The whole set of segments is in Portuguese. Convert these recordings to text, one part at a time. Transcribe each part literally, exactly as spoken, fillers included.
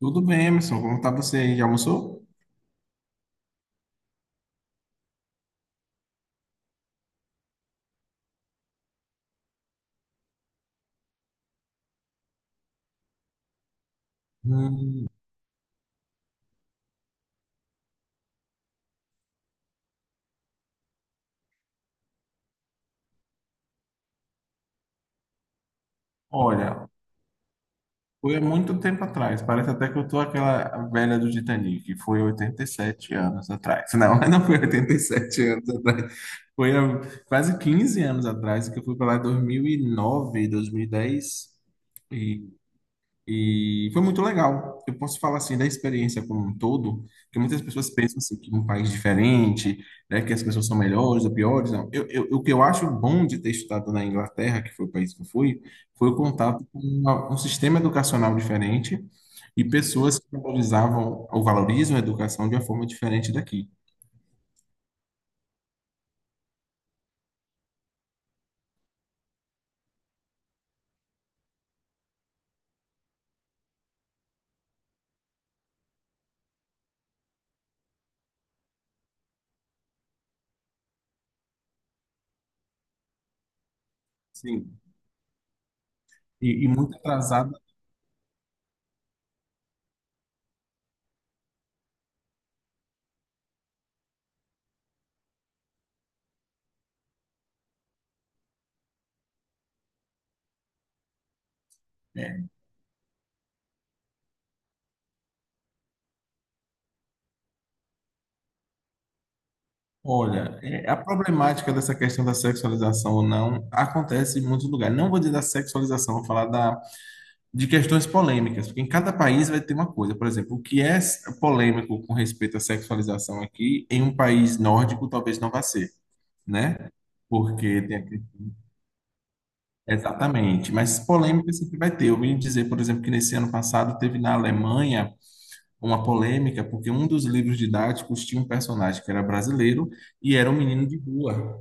Tudo bem, Emerson? Como tá você aí? Já almoçou? Hum, Olha, foi há muito tempo atrás. Parece até que eu tô aquela velha do Titanic, que foi oitenta e sete anos atrás. Não, não foi oitenta e sete anos atrás. Foi há quase quinze anos atrás, que eu fui para lá em dois mil e nove, dois mil e dez. E nove, dois mil e dez. E E foi muito legal. Eu posso falar assim da experiência como um todo, que muitas pessoas pensam assim que um país diferente, né, que as pessoas são melhores ou piores. Não. Eu, eu, o que eu acho bom de ter estudado na Inglaterra, que foi o país que eu fui, foi o contato com uma- um sistema educacional diferente e pessoas que valorizavam ou valorizam a educação de uma forma diferente daqui. Sim. E, e muito atrasada. É. Olha, é, a problemática dessa questão da sexualização ou não acontece em muitos lugares. Não vou dizer da sexualização, vou falar da, de questões polêmicas, porque em cada país vai ter uma coisa. Por exemplo, o que é s- polêmico com respeito à sexualização aqui, em um país nórdico talvez não vá ser, né? Porque tem aqui. Exatamente, mas polêmica sempre vai ter. Eu vim dizer, por exemplo, que nesse ano passado teve na Alemanha uma polêmica, porque um dos livros didáticos tinha um personagem que era brasileiro e era um menino de rua.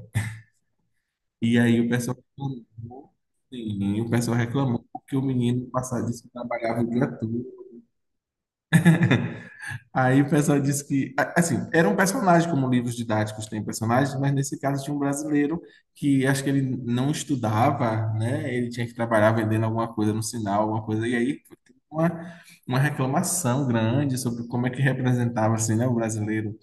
E aí o pessoal reclamou, sim, o pessoal reclamou porque o menino passava, disse que trabalhava o dia todo. Aí o pessoal disse que, a- assim, era um personagem, como livros didáticos têm personagens, mas nesse caso tinha um brasileiro que acho que ele não estudava, né? Ele tinha que trabalhar vendendo alguma coisa no sinal, alguma coisa, e aí foi uma, uma reclamação grande sobre como é que representava, assim, né, o brasileiro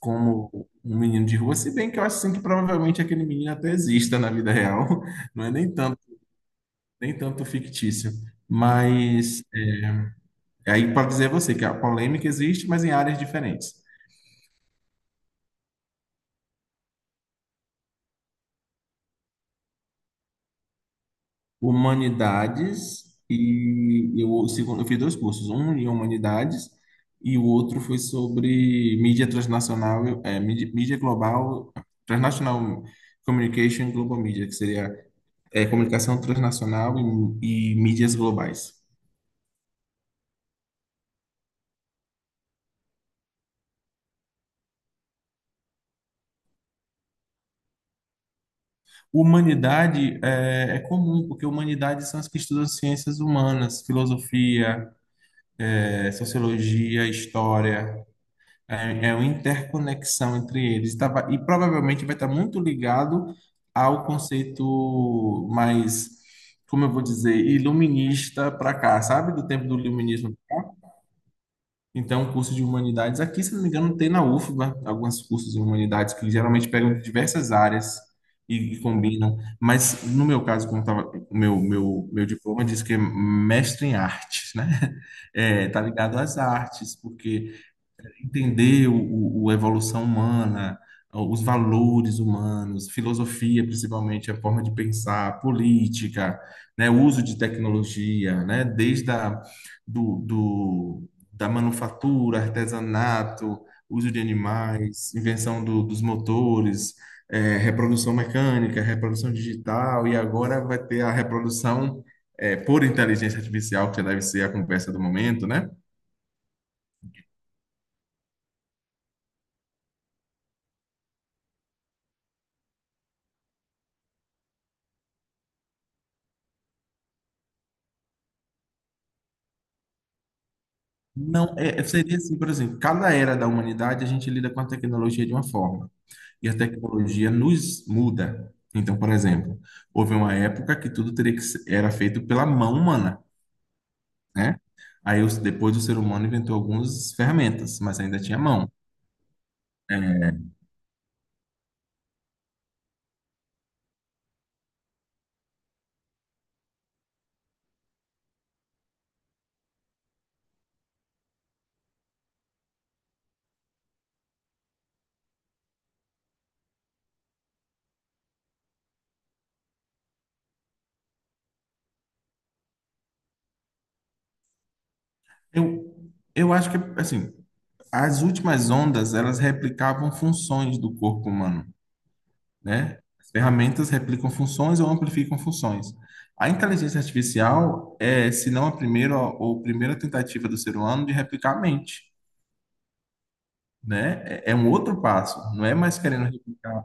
como um menino de rua, se bem que eu acho, assim, que provavelmente aquele menino até exista na vida real, não é nem tanto nem tanto fictício, mas é, aí pode dizer a você que a polêmica existe, mas em áreas diferentes. Humanidades. E eu, o segundo- eu fiz dois cursos, um em humanidades e o outro foi sobre mídia transnacional, é, mídia, mídia global, transnational communication global media, que seria é, comunicação transnacional e, e mídias globais. Humanidade é, é comum, porque humanidades são as que estudam ciências humanas, filosofia, é, sociologia, história, é, é uma interconexão entre eles. Tava, e provavelmente vai estar muito ligado ao conceito mais, como eu vou dizer, iluminista para cá, sabe? Do tempo do iluminismo. Então, o curso de humanidades aqui, se não me engano, tem na UFBA alguns cursos de humanidades que geralmente pegam de diversas áreas e, e combinam. Mas no meu caso, como tava, o meu, meu, meu diploma diz que é mestre em artes, né? É, tá ligado às artes, porque entender o, o- a evolução humana, os valores humanos, filosofia, principalmente a forma de pensar, política, né, o uso de tecnologia, né, desde a, do, do- da manufatura, artesanato, uso de animais, invenção do- dos motores, eh, reprodução mecânica, reprodução digital, e agora vai ter a reprodução eh, por inteligência artificial, que deve ser a conversa do momento, né? Não, é, é- seria assim, por exemplo, cada era da humanidade a gente lida com a tecnologia de uma forma, e a tecnologia nos muda. Então, por exemplo, houve uma época que tudo teria que ser, era feito pela mão humana, né? Aí, os- depois o ser humano inventou algumas ferramentas, mas ainda tinha mão. É. Eu, eu acho que, assim, as últimas ondas, elas replicavam funções do corpo humano. Né? As ferramentas replicam funções ou amplificam funções. A inteligência artificial é, se não a primeira ou primeira tentativa do ser humano de replicar a mente, né? É é um outro passo, não é mais querendo replicar.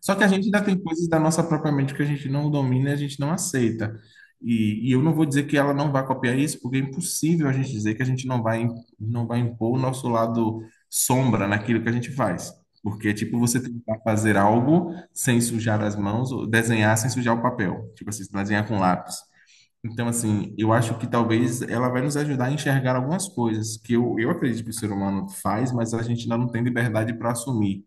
Só que a gente ainda tem coisas da nossa própria mente que a gente não domina, e a gente não aceita. E, e eu não vou dizer que ela não vai copiar isso, porque é impossível a gente dizer que a gente não vai, não vai, impor o nosso lado sombra naquilo que a gente faz. Porque é tipo você tentar fazer algo sem sujar as mãos, ou desenhar sem sujar o papel. Tipo assim, desenhar com lápis. Então, assim, eu acho que talvez ela vai nos ajudar a enxergar algumas coisas que eu, eu acredito que o ser humano faz, mas a gente ainda não tem liberdade para assumir,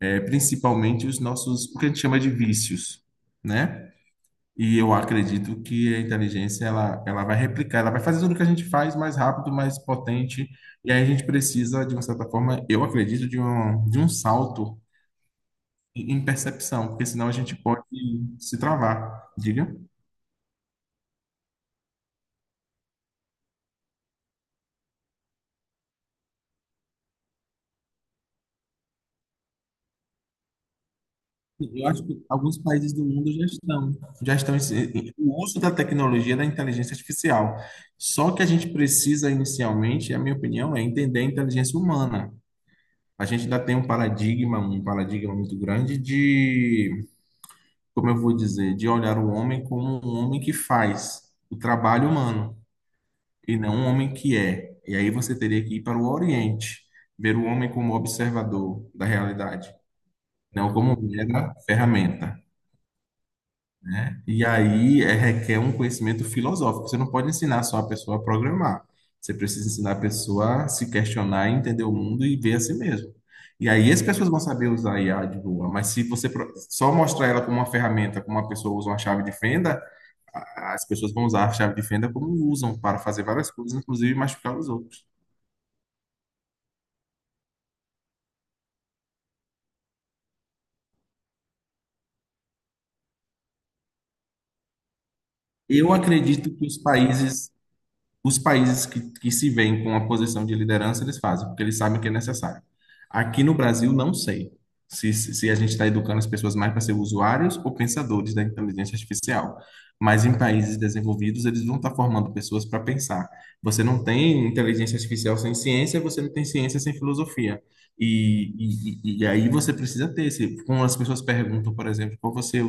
é, principalmente os nossos, o que a gente chama de vícios, né? E eu acredito que a inteligência ela, ela vai replicar, ela vai fazer tudo o que a gente faz mais rápido, mais potente, e aí a gente precisa, de uma certa forma, eu acredito, de um, de um salto em em percepção, porque senão a gente pode se travar. Diga. Eu acho que alguns países do mundo já estão, já estão em- em- o uso da tecnologia da inteligência artificial. Só que a gente precisa inicialmente, a minha opinião, é entender a inteligência humana. A gente ainda tem um paradigma, um paradigma muito grande de, como eu vou dizer, de olhar o homem como um homem que faz o trabalho humano e não um homem que é. E aí você teria que ir para o Oriente, ver o homem como observador da realidade, não como mera ferramenta. E aí é, requer um conhecimento filosófico. Você não pode ensinar só a pessoa a programar. Você precisa ensinar a pessoa a se questionar, entender o mundo e ver a si mesmo. E aí as pessoas vão saber usar I a I A de boa, mas se você pro- só mostrar ela como uma ferramenta, como uma pessoa usa uma chave de fenda, a- as pessoas vão usar a chave de fenda como usam para fazer várias coisas, inclusive machucar os outros. Eu acredito que os países Os países que, que se veem com a posição de liderança, eles fazem, porque eles sabem que é necessário. Aqui no Brasil, não sei se, se se a gente está educando as pessoas mais para ser usuários ou pensadores da inteligência artificial. Mas em países desenvolvidos, eles vão estar formando pessoas para pensar. Você não tem inteligência artificial sem ciência, você não tem ciência sem filosofia. E, e, e e aí você precisa ter esse. Quando as pessoas perguntam, por exemplo, qual você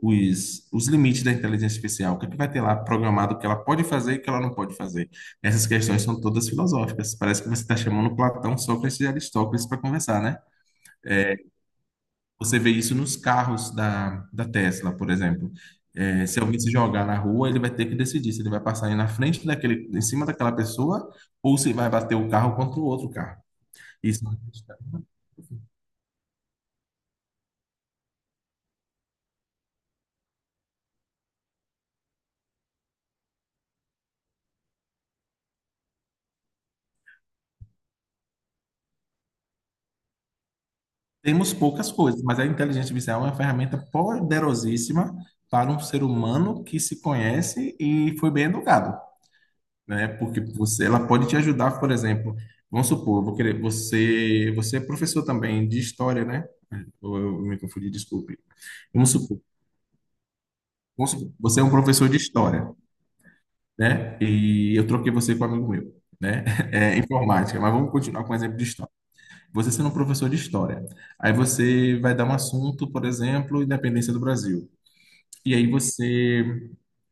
os, os limites da inteligência artificial, o que é que vai ter lá programado que ela pode fazer e que ela não pode fazer. Essas questões são todas filosóficas. Parece que você está chamando Platão, Sócrates e Aristóteles para conversar, né? Você vê isso nos carros da, da Tesla, por exemplo. É, se alguém se jogar na rua, ele vai ter que decidir se ele vai passar aí na frente daquele, em cima daquela pessoa ou se vai bater o carro contra o outro carro. Isso. Temos poucas coisas, mas a inteligência artificial é uma ferramenta poderosíssima para um ser humano que se conhece e foi bem educado, né? Porque você, ela pode te ajudar, por exemplo, vamos supor, eu vou querer, você, você é professor também de história, né? Ou, eu me confundi, desculpe. Vamos supor, vamos supor, você é um professor de história, né? E eu troquei você com um amigo meu, né? É, informática, mas vamos continuar com o exemplo de história. Você sendo um professor de história, aí você vai dar um assunto, por exemplo, independência do Brasil. E aí você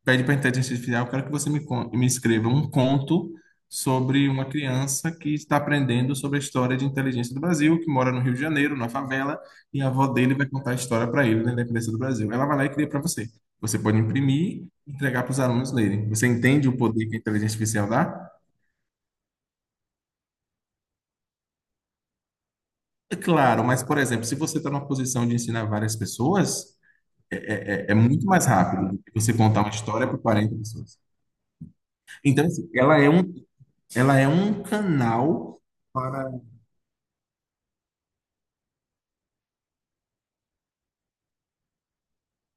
pede para a inteligência artificial, eu quero que você me, con- me escreva um conto sobre uma criança que está aprendendo sobre a história de inteligência do Brasil, que mora no Rio de Janeiro, na favela, e a avó dele vai contar a história para ele, né, da independência do Brasil. Ela vai lá e cria para você. Você pode imprimir e entregar para os alunos lerem. Você entende o poder que a inteligência artificial dá? É claro, mas, por exemplo, se você está numa posição de ensinar várias pessoas, é, é é- é muito mais rápido do que você contar uma história para quarenta pessoas. Então, assim, ela é um Ela é um canal para.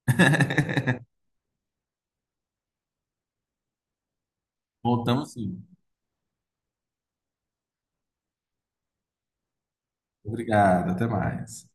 Voltamos sim. Obrigado, até mais.